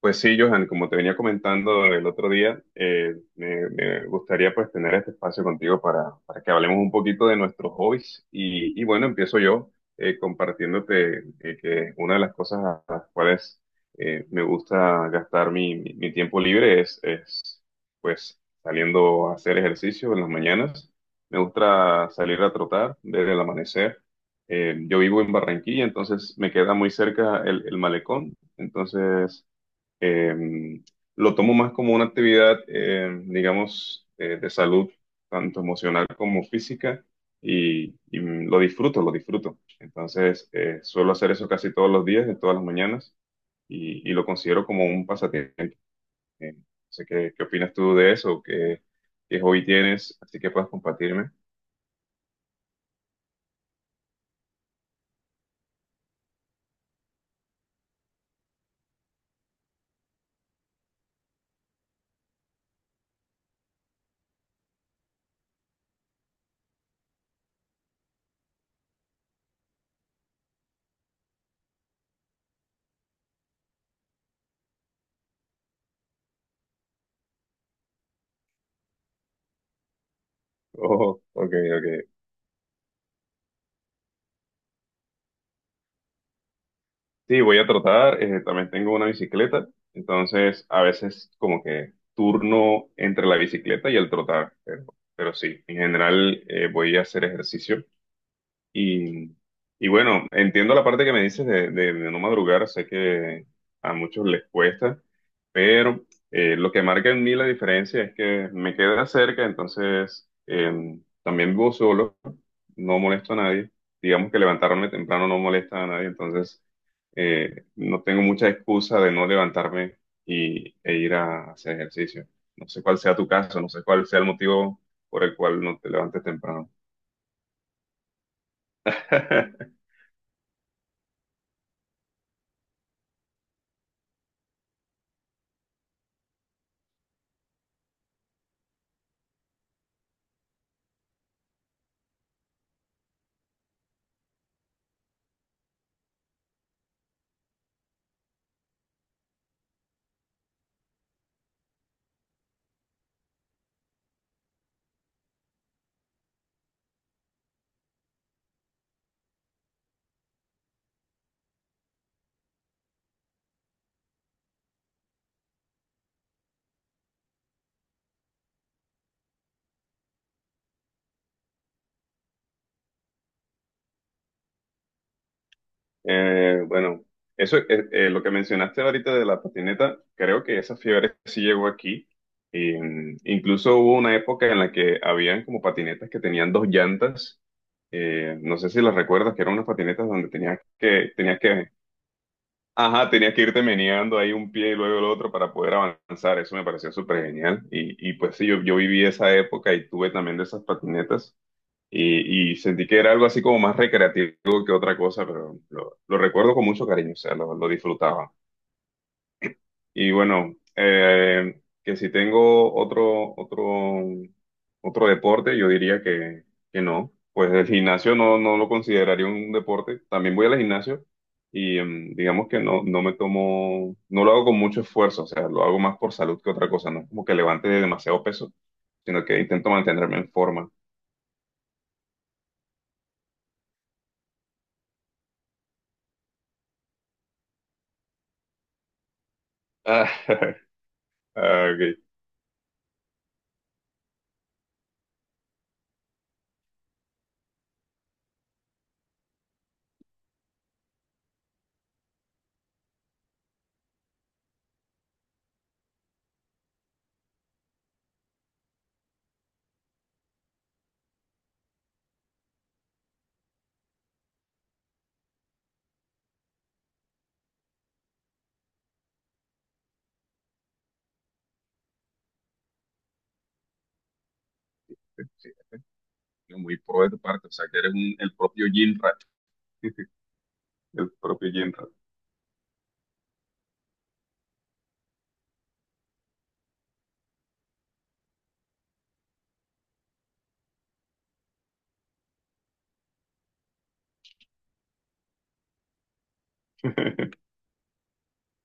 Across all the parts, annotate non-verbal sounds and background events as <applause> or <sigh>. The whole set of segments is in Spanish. Pues sí, Johan, como te venía comentando el otro día, me gustaría pues tener este espacio contigo para que hablemos un poquito de nuestros hobbies. Y bueno, empiezo yo, compartiéndote, que una de las cosas a las cuales me gusta gastar mi tiempo libre es pues saliendo a hacer ejercicio en las mañanas. Me gusta salir a trotar desde el amanecer. Yo vivo en Barranquilla, entonces me queda muy cerca el malecón. Entonces. Eh, lo tomo más como una actividad, digamos, de salud, tanto emocional como física, y lo disfruto, lo disfruto. Entonces, suelo hacer eso casi todos los días, de todas las mañanas, y lo considero como un pasatiempo. No sé qué opinas tú de eso, qué hobby tienes, así que puedas compartirme. <laughs> Oh, ok, ok. Sí, voy a tratar. También tengo una bicicleta, entonces a veces como que turno entre la bicicleta y el trotar, pero sí, en general, voy a hacer ejercicio. Y, y bueno, entiendo la parte que me dices de no madrugar, sé que a muchos les cuesta, pero, lo que marca en mí la diferencia es que me queda cerca, entonces, también vivo solo, no molesto a nadie, digamos que levantarme temprano no molesta a nadie, entonces, no tengo mucha excusa de no levantarme e ir a hacer ejercicio. No sé cuál sea tu caso, no sé cuál sea el motivo por el cual no te levantes temprano. <laughs> Bueno, eso, lo que mencionaste ahorita de la patineta, creo que esa fiebre sí llegó aquí. Y, incluso hubo una época en la que habían como patinetas que tenían dos llantas. No sé si las recuerdas, que eran unas patinetas donde tenías que, ajá, tenías que irte meneando ahí un pie y luego el otro para poder avanzar. Eso me pareció súper genial. Y pues sí, yo viví esa época y tuve también de esas patinetas. Y sentí que era algo así como más recreativo que otra cosa, pero lo recuerdo con mucho cariño, o sea, lo disfrutaba. Y bueno, que si tengo otro deporte, yo diría que no. Pues el gimnasio no, no lo consideraría un deporte. También voy al gimnasio y, digamos que no, no me tomo, no lo hago con mucho esfuerzo, o sea, lo hago más por salud que otra cosa, no es como que levante demasiado peso, sino que intento mantenerme en forma. <laughs> Ah, ah, ok. Muy pro de tu parte, o sea, que eres el propio Jim Rat. <laughs> El propio Jim Rat.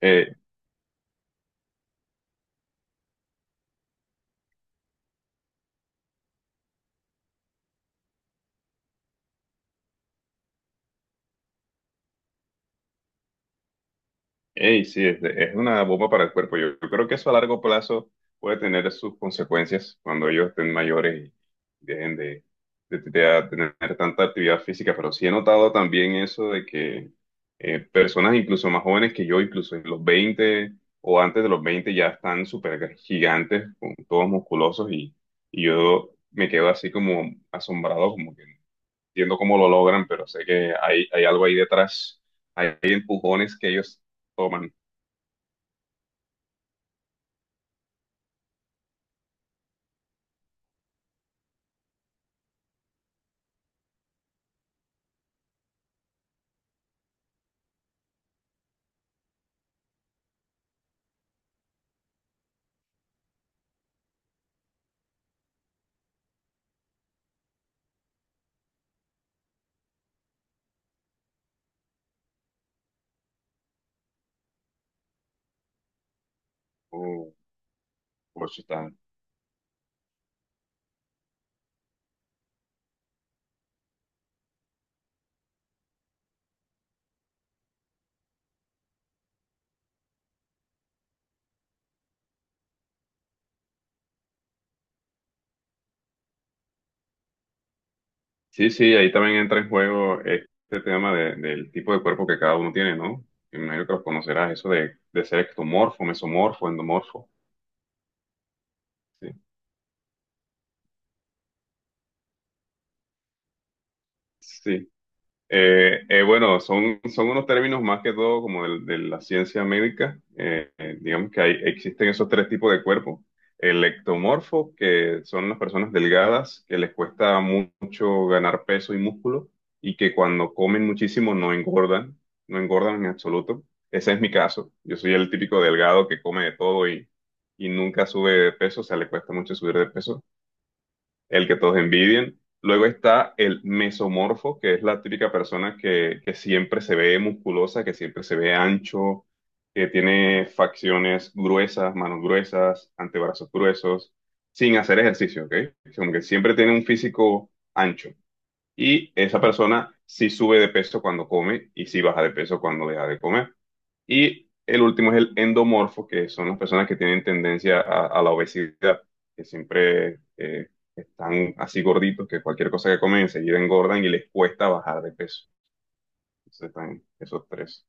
Eh, ey, sí, es una bomba para el cuerpo. Yo creo que eso a largo plazo puede tener sus consecuencias cuando ellos estén mayores y dejen de tener tanta actividad física. Pero sí he notado también eso de que, personas incluso más jóvenes que yo, incluso en los 20 o antes de los 20 ya están súper gigantes, con todos musculosos, y yo me quedo así como asombrado, como que entiendo cómo lo logran, pero sé que hay algo ahí detrás. Hay empujones que ellos toman. Uh, por eso está- Sí, sí, ahí también entra en juego este tema del tipo de cuerpo que cada uno tiene, ¿no? Me imagino que los conocerás, eso de ser ectomorfo, mesomorfo, endomorfo. Sí, sí. Bueno, son unos términos más que todo como de la ciencia médica. Digamos que existen esos tres tipos de cuerpo. El ectomorfo, que son las personas delgadas, que les cuesta mucho ganar peso y músculo, y que cuando comen muchísimo no engordan, no engordan en absoluto. Ese es mi caso. Yo soy el típico delgado que come de todo y nunca sube de peso, o sea, le cuesta mucho subir de peso, el que todos envidian. Luego está el mesomorfo, que es la típica persona que siempre se ve musculosa, que siempre se ve ancho, que tiene facciones gruesas, manos gruesas, antebrazos gruesos, sin hacer ejercicio, ¿ok? Como que siempre tiene un físico ancho. Y esa persona sí sube de peso cuando come y sí baja de peso cuando deja de comer. Y el último es el endomorfo, que son las personas que tienen tendencia a la obesidad, que siempre, están así gorditos, que cualquier cosa que comen enseguida engordan y les cuesta bajar de peso. Entonces están esos tres.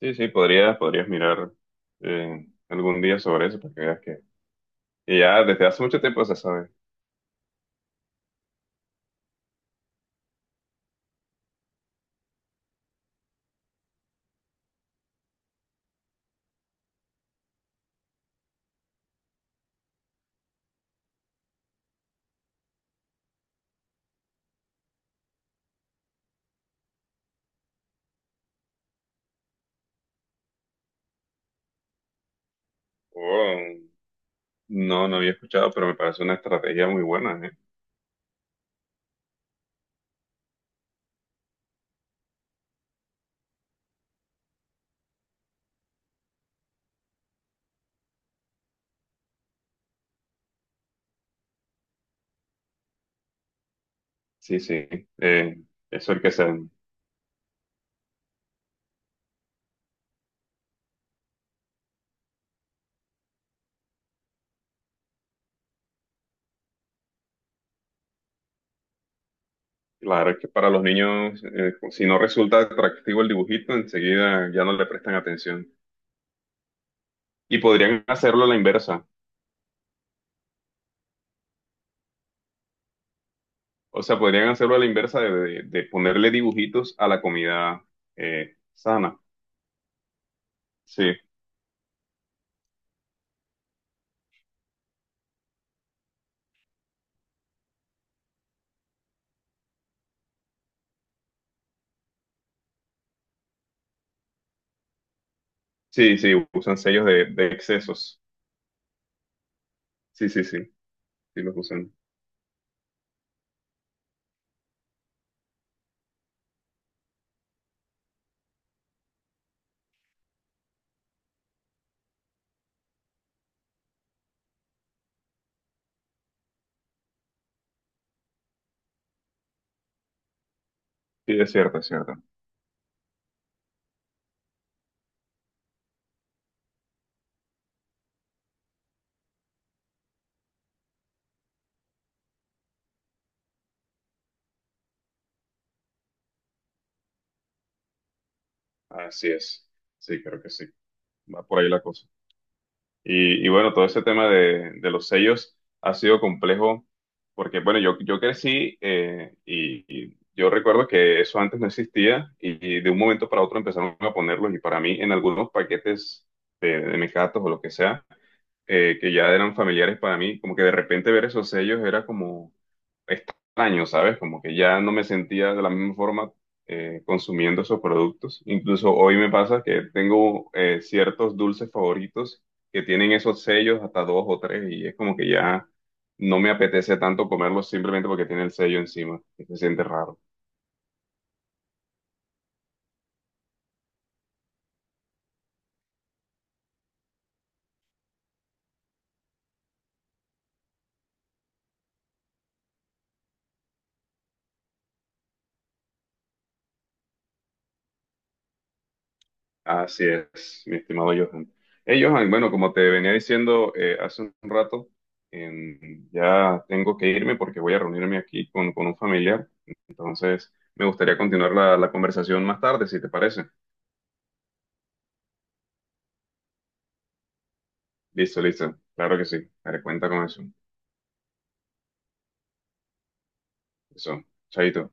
Sí, sí, podrías mirar, algún día sobre eso para que veas que ya desde hace mucho tiempo se sabe. Oh, no, no había escuchado, pero me parece una estrategia muy buena, ¿eh? Sí, sí. Eh, eso es el que se. Claro, es que para los niños, si no resulta atractivo el dibujito, enseguida ya no le prestan atención. Y podrían hacerlo a la inversa. O sea, podrían hacerlo a la inversa de ponerle dibujitos a la comida, sana. Sí, sí, sí, usan sellos de excesos. Sí, sí, sí, sí los usan. Sí, es cierto, es cierto. Así es. Sí, creo que sí. Va por ahí la cosa. Y bueno, todo ese tema de los sellos ha sido complejo porque, bueno, yo crecí, y yo recuerdo que eso antes no existía y de un momento para otro empezaron a ponerlos y para mí en algunos paquetes de mis gatos o lo que sea, que ya eran familiares para mí, como que de repente ver esos sellos era como extraño, ¿sabes? Como que ya no me sentía de la misma forma, consumiendo esos productos. Incluso hoy me pasa que tengo, ciertos dulces favoritos que tienen esos sellos hasta dos o tres y es como que ya no me apetece tanto comerlos simplemente porque tiene el sello encima, que se siente raro. Así es, mi estimado Johan. Hey, Johan, bueno, como te venía diciendo, hace un rato, ya tengo que irme porque voy a reunirme aquí con un familiar. Entonces, me gustaría continuar la conversación más tarde, si te parece. Listo, listo. Claro que sí. Daré cuenta con eso. Eso. Chaito.